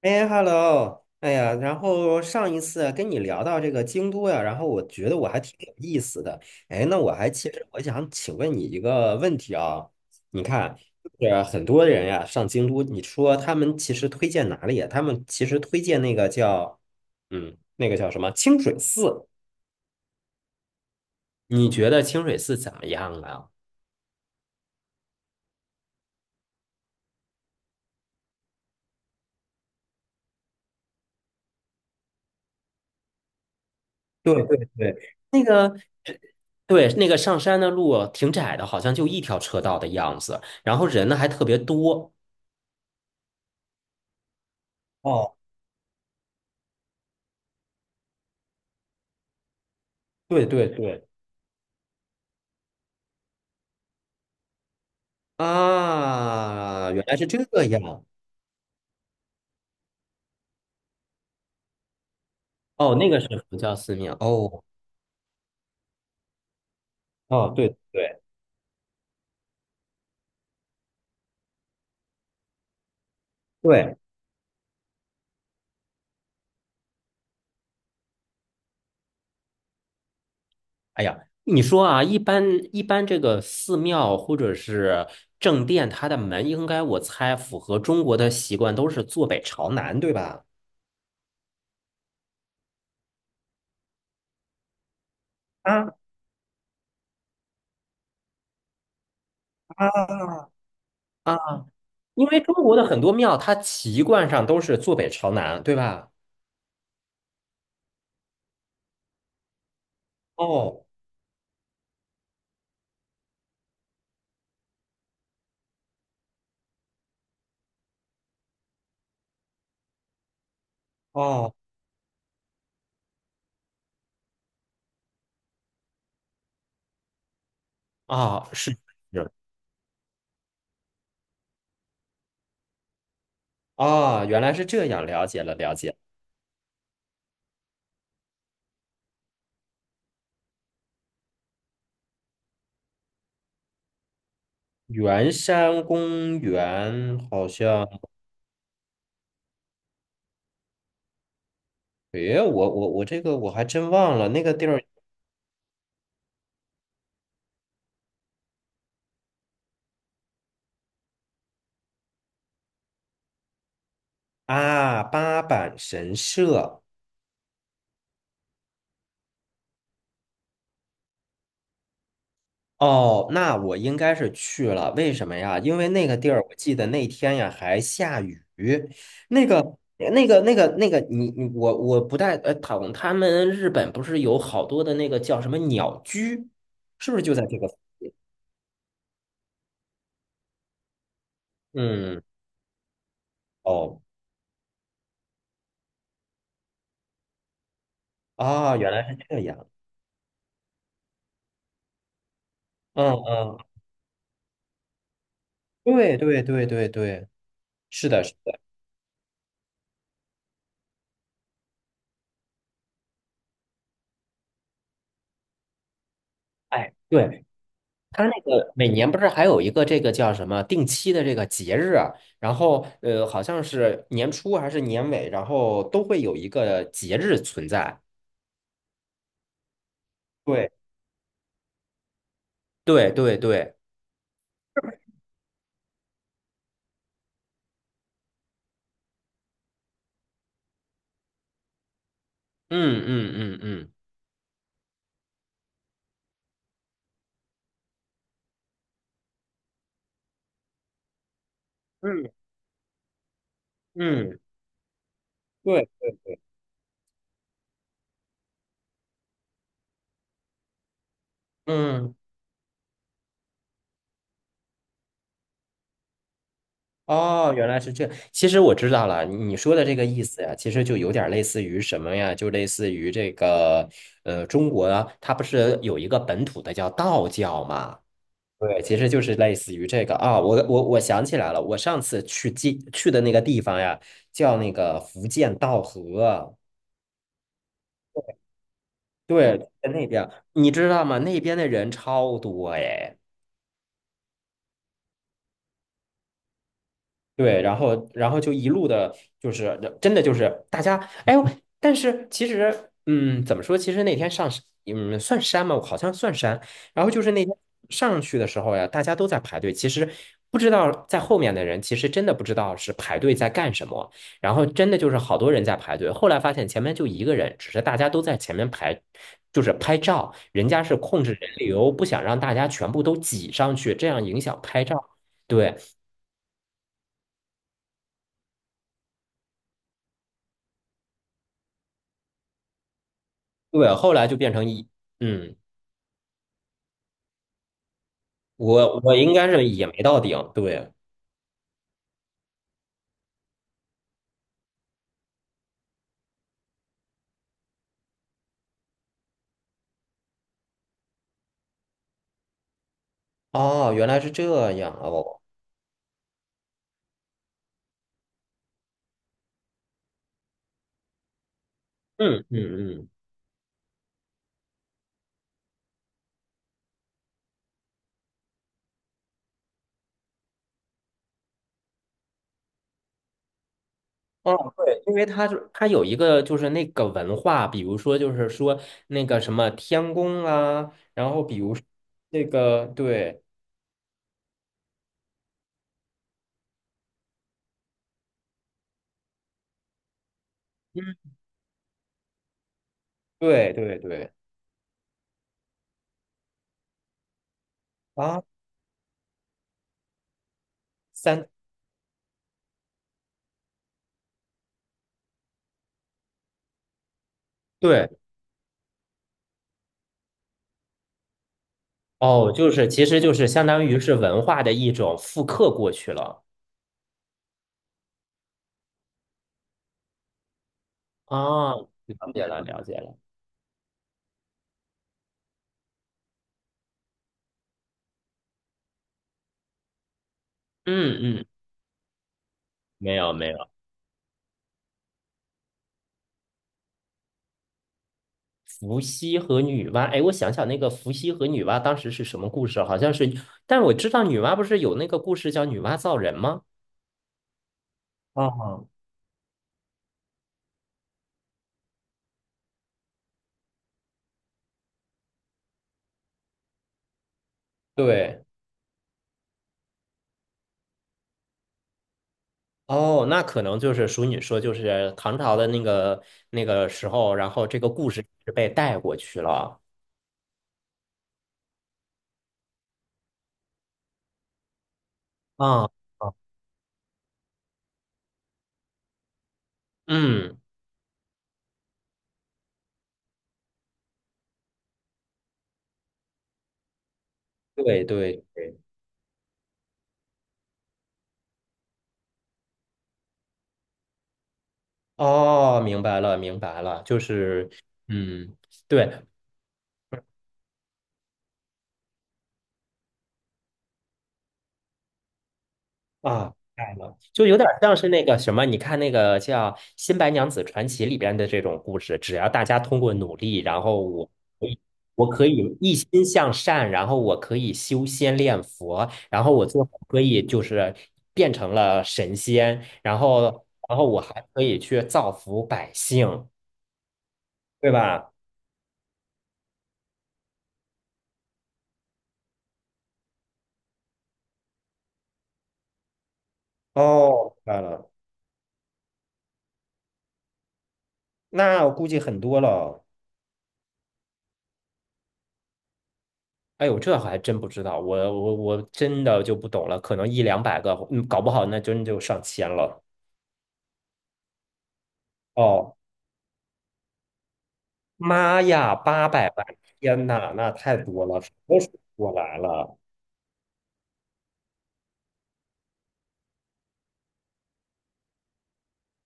哎，hello，哎呀，然后上一次跟你聊到这个京都呀，然后我觉得我还挺有意思的。哎，那我还其实我想请问你一个问题啊，你看，就是很多人呀上京都，你说他们其实推荐哪里呀？他们其实推荐那个叫，那个叫什么清水寺？你觉得清水寺怎么样啊？对对对，呃，对，那个上山的路挺窄的，好像就一条车道的样子，然后人呢还特别多。哦。对对对。啊，原来是这样。哦，那个是佛教寺庙哦。哦，对对对。哎呀，你说啊，一般这个寺庙或者是正殿，它的门应该我猜符合中国的习惯，都是坐北朝南，对吧？啊。啊。啊！因为中国的很多庙，它习惯上都是坐北朝南，对吧？哦。哦。啊，是。是。啊，原来是这样，了解了了解。圆山公园好像，诶，我这个我还真忘了那个地儿。啊，八坂神社。哦，那我应该是去了，为什么呀？因为那个地儿，我记得那天呀还下雨，那个。那个，你我不太他们日本不是有好多的那个叫什么鸟居，是不是就在这个？嗯。哦。啊，原来是这样。嗯嗯，对对对对对。是的，是的。哎，对，他那个每年不是还有一个这个叫什么定期的这个节日啊，然后好像是年初还是年尾，然后都会有一个节日存在。对，对，对，对。嗯嗯嗯。嗯嗯嗯。对对。嗯。哦，原来是这样，其实我知道了，你说的这个意思呀，其实就有点类似于什么呀？就类似于这个中国啊它不是有一个本土的叫道教嘛？对，其实就是类似于这个啊，我想起来了，我上次去记去的那个地方呀，叫那个福建道河。对，在那边，你知道吗？那边的人超多哎。对，然后就一路的，就是真的就是大家，哎呦，但是其实，嗯，怎么说？其实那天上山嗯，算山吗？我好像算山。然后就是那天上去的时候呀，大家都在排队。其实不知道在后面的人，其实真的不知道是排队在干什么。然后真的就是好多人在排队。后来发现前面就一个人，只是大家都在前面排，就是拍照。人家是控制人流，不想让大家全部都挤上去，这样影响拍照。对，对，后来就变成一，嗯，我应该是也没到顶，对。哦，原来是这样哦。嗯嗯嗯。哦，对，因为它是它有一个就是那个文化，比如说就是说那个什么天宫啊，然后比如说那个。对。嗯。对对对。啊，三。对。哦，就是其实就是相当于是文化的一种复刻过去了。啊，了解了了解了。嗯嗯。没有没有。伏羲和女娲，哎，我想想那个伏羲和女娲当时是什么故事啊？好像是，但我知道女娲不是有那个故事叫女娲造人吗？啊，对。哦，那可能就是属你说，就是唐朝的那个那个时候，然后这个故事是被带过去了。啊。啊。嗯，对对对。哦，明白了明白了。就是，嗯，对。啊，明白了，就有点像是那个什么，你看那个叫《新白娘子传奇》里边的这种故事，只要大家通过努力，然后我可以，我可以一心向善，然后我可以修仙练佛，然后我最后可以就是变成了神仙，然后，然后我还可以去造福百姓，对吧？哦，明白了。那我估计很多了哦。哎呦，这还真不知道，我真的就不懂了，可能100到200个，嗯，搞不好那真就上千了。哦，妈呀，800万！天呐，那太多了，数都数不过来了。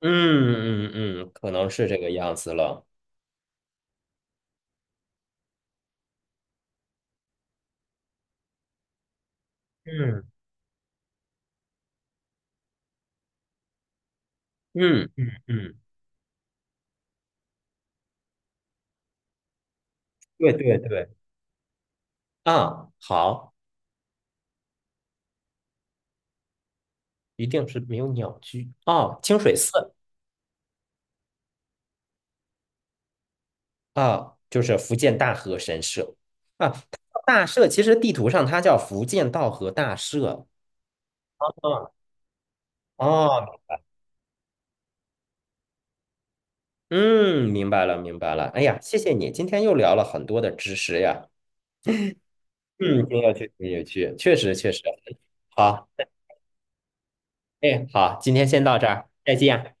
嗯嗯嗯，可能是这个样子了。嗯嗯嗯嗯，对对对。啊，好，一定是没有鸟居啊，清水寺。啊，就是福建大和神社。啊，大社其实地图上它叫福建道和大社。嗯。哦。嗯，明白了，明白了。哎呀，谢谢你，今天又聊了很多的知识呀。嗯，挺有趣，挺有趣，确实确实。好，哎，好，今天先到这儿，再见。